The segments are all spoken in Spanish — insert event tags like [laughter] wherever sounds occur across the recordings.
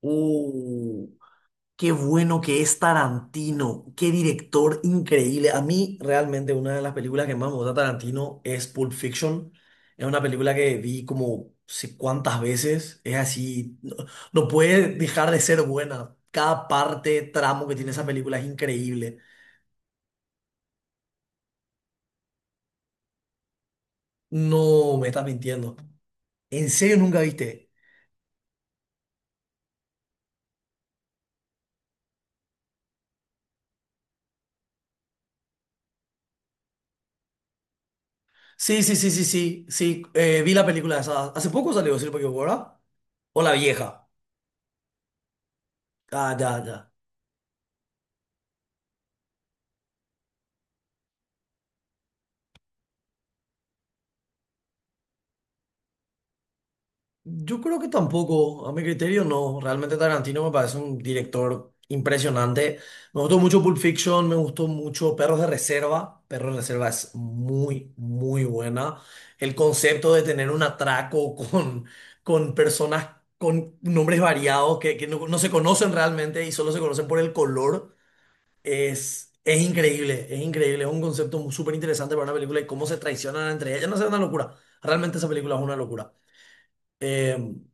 Oh, qué bueno que es Tarantino, qué director increíble. A mí realmente una de las películas que más me gusta de Tarantino es Pulp Fiction. Es una película que vi como sé cuántas veces. Es así, no puede dejar de ser buena. Cada parte, tramo que tiene esa película es increíble. No, me estás mintiendo. ¿En serio nunca viste? Sí, sí, sí, sí, sí, sí. Vi la película esa. Hace poco salió, si no me equivoco, ¿verdad? O la vieja. Ah, ya, ya. Yo creo que tampoco, a mi criterio no. Realmente Tarantino me parece un director impresionante. Me gustó mucho Pulp Fiction, me gustó mucho Perros de Reserva. Perros de Reserva es muy, muy buena. El concepto de tener un atraco [laughs] con personas con nombres variados que no, no se conocen realmente y solo se conocen por el color es increíble, es increíble. Es un concepto súper interesante para una película y cómo se traicionan entre ellas. No sé, es una locura. Realmente esa película es una locura. Em,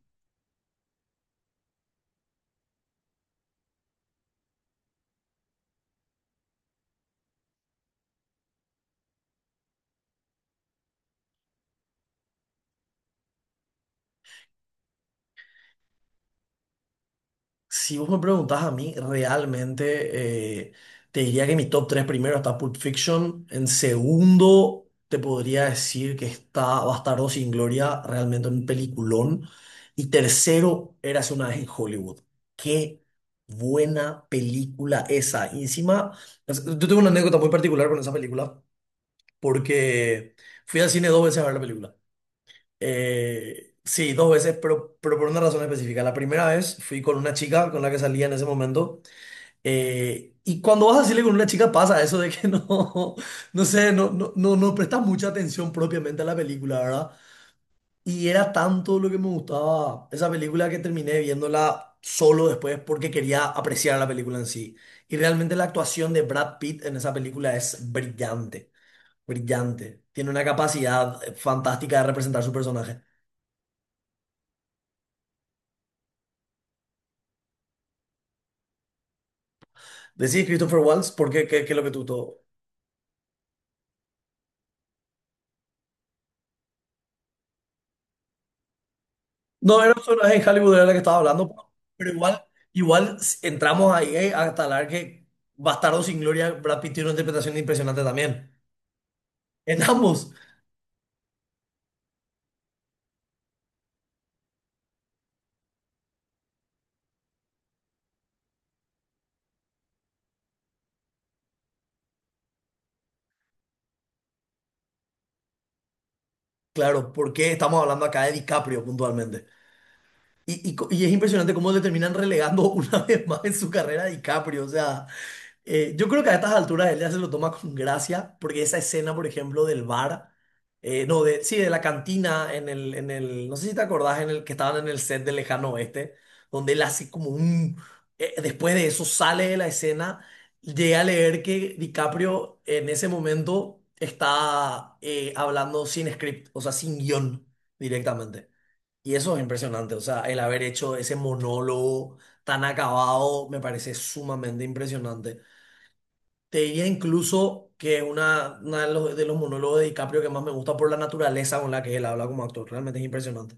Si vos me preguntás a mí, realmente te diría que mi top 3 primero está Pulp Fiction. En segundo, te podría decir que está Bastardo sin Gloria, realmente un peliculón. Y tercero, Érase una vez en Hollywood. Qué buena película esa. Y encima, yo tengo una anécdota muy particular con esa película, porque fui al cine dos veces a ver la película. Sí, dos veces, pero por una razón específica. La primera vez fui con una chica con la que salía en ese momento. Y cuando vas a salir con una chica pasa eso de que [laughs] no, no sé, no, no, no, no prestas mucha atención propiamente a la película, ¿verdad? Y era tanto lo que me gustaba esa película que terminé viéndola solo después porque quería apreciar la película en sí. Y realmente la actuación de Brad Pitt en esa película es brillante, brillante. Tiene una capacidad fantástica de representar su personaje. Decís Christopher Waltz, ¿por qué? ¿Qué es lo que tú todo. No, era un personaje en Hollywood, era la que estaba hablando, pero igual, igual entramos ahí hasta hablar que Bastardo sin Gloria, Brad Pitt tiene una interpretación impresionante también. En ambos, claro, porque estamos hablando acá de DiCaprio puntualmente. Y es impresionante cómo le terminan relegando [laughs] una vez más en su carrera a DiCaprio, o sea, yo creo que a estas alturas él ya se lo toma con gracia, porque esa escena, por ejemplo, del bar, no, de, sí, de la cantina, en el, no sé si te acordás, en el que estaban en el set de Lejano Oeste, donde él hace como un, después de eso sale de la escena, llega a leer que DiCaprio en ese momento está hablando sin script, o sea, sin guión directamente. Y eso es impresionante, o sea, el haber hecho ese monólogo tan acabado me parece sumamente impresionante. Te diría incluso que es una de los monólogos de DiCaprio que más me gusta por la naturaleza con la que él habla como actor. Realmente es impresionante.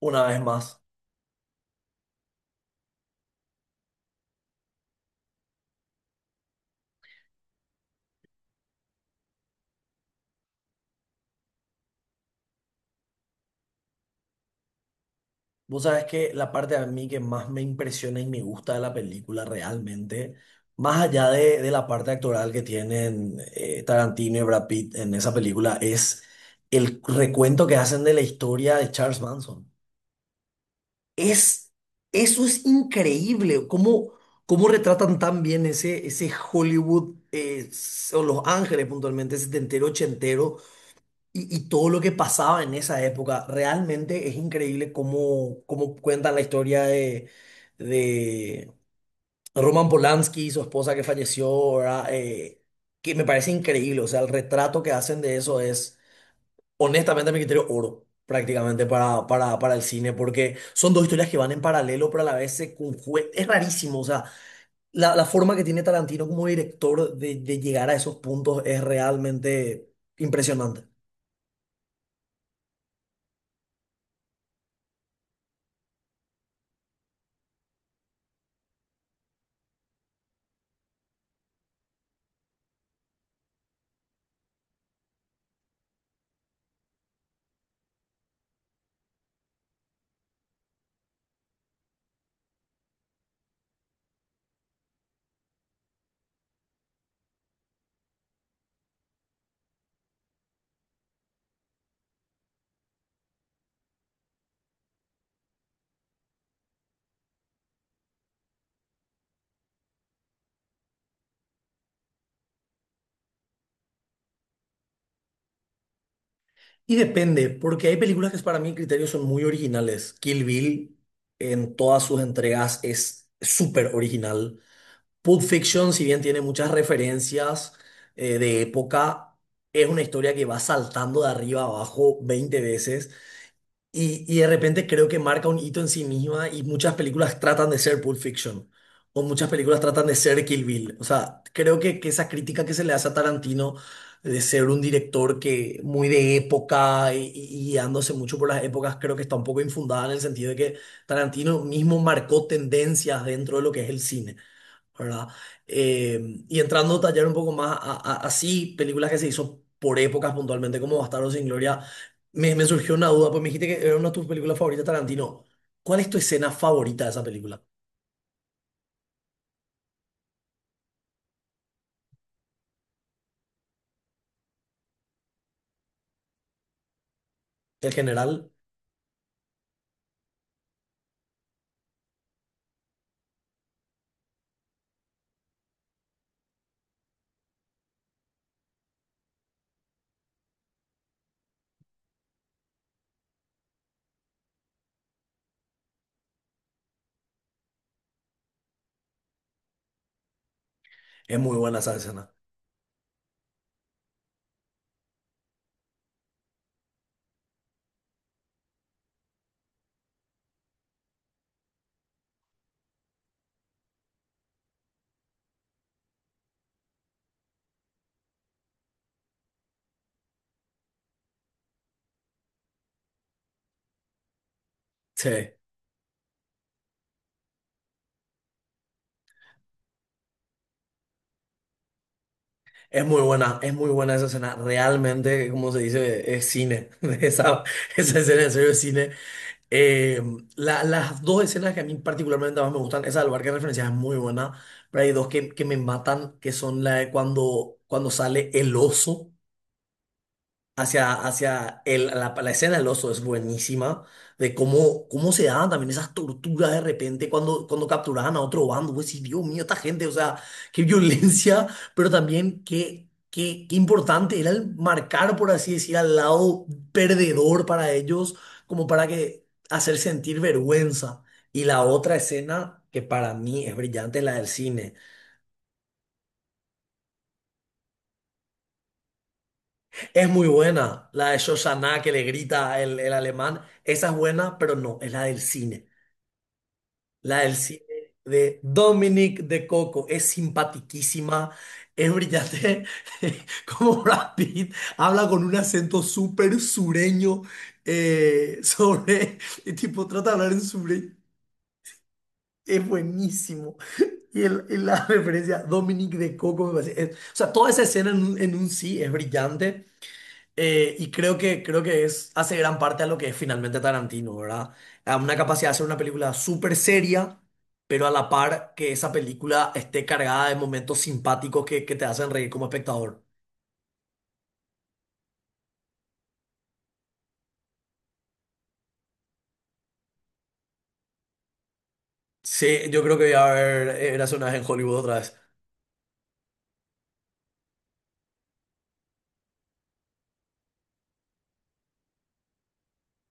Una vez más, vos sabes que la parte a mí que más me impresiona y me gusta de la película realmente, más allá de la parte actoral que tienen Tarantino y Brad Pitt en esa película, es el recuento que hacen de la historia de Charles Manson. Es, eso es increíble, cómo, cómo retratan tan bien ese, ese Hollywood, o Los Ángeles puntualmente, setentero, ochentero, y todo lo que pasaba en esa época. Realmente es increíble cómo, cómo cuentan la historia de Roman Polanski, su esposa que falleció, ¿verdad? Que me parece increíble, o sea, el retrato que hacen de eso es. Honestamente, a mi criterio, oro prácticamente para el cine, porque son dos historias que van en paralelo, pero a la vez se conjugan. Es rarísimo, o sea, la forma que tiene Tarantino como director de llegar a esos puntos es realmente impresionante. Y depende, porque hay películas que para mi criterio son muy originales. Kill Bill en todas sus entregas es súper original. Pulp Fiction, si bien tiene muchas referencias de época, es una historia que va saltando de arriba a abajo 20 veces. Y de repente creo que marca un hito en sí misma y muchas películas tratan de ser Pulp Fiction o muchas películas tratan de ser Kill Bill. O sea, creo que esa crítica que se le hace a Tarantino de ser un director que muy de época y guiándose mucho por las épocas, creo que está un poco infundada en el sentido de que Tarantino mismo marcó tendencias dentro de lo que es el cine. ¿Verdad? Eh, y entrando a tallar un poco más así, películas que se hizo por épocas puntualmente, como Bastardos sin Gloria, me surgió una duda, pues me dijiste que era una de tus películas favoritas, Tarantino. ¿Cuál es tu escena favorita de esa película? El general es muy buena esa escena. Sí, es muy buena esa escena. Realmente, como se dice, es cine. [laughs] Esa escena en serio es cine. Eh, las dos escenas que a mí particularmente más me gustan, esa del bar que referencias es muy buena, pero hay dos que me matan, que son la de cuando, cuando sale el oso la escena del oso es buenísima, de cómo, cómo se daban también esas torturas de repente cuando, cuando capturaban a otro bando. Pues sí, Dios mío, esta gente, o sea, qué violencia, [laughs] pero también qué, qué importante era el marcar, por así decir, al lado perdedor para ellos, como para que hacer sentir vergüenza. Y la otra escena que para mí es brillante es la del cine. Es muy buena. La de Shoshana que le grita el alemán. Esa es buena, pero no, es la del cine. La del cine de Dominic de Coco. Es simpatiquísima, es brillante. [laughs] Como Brad Pitt habla con un acento súper sureño sobre. El tipo trata de hablar en sureño. Es buenísimo. Y la [laughs] referencia Dominic de Coco me parece. O sea, toda esa escena en un sí es brillante. Y creo creo que es, hace gran parte a lo que es finalmente Tarantino, ¿verdad? A una capacidad de hacer una película súper seria, pero a la par que esa película esté cargada de momentos simpáticos que te hacen reír como espectador. Sí, yo creo que voy a ver Érase una vez en Hollywood otra vez.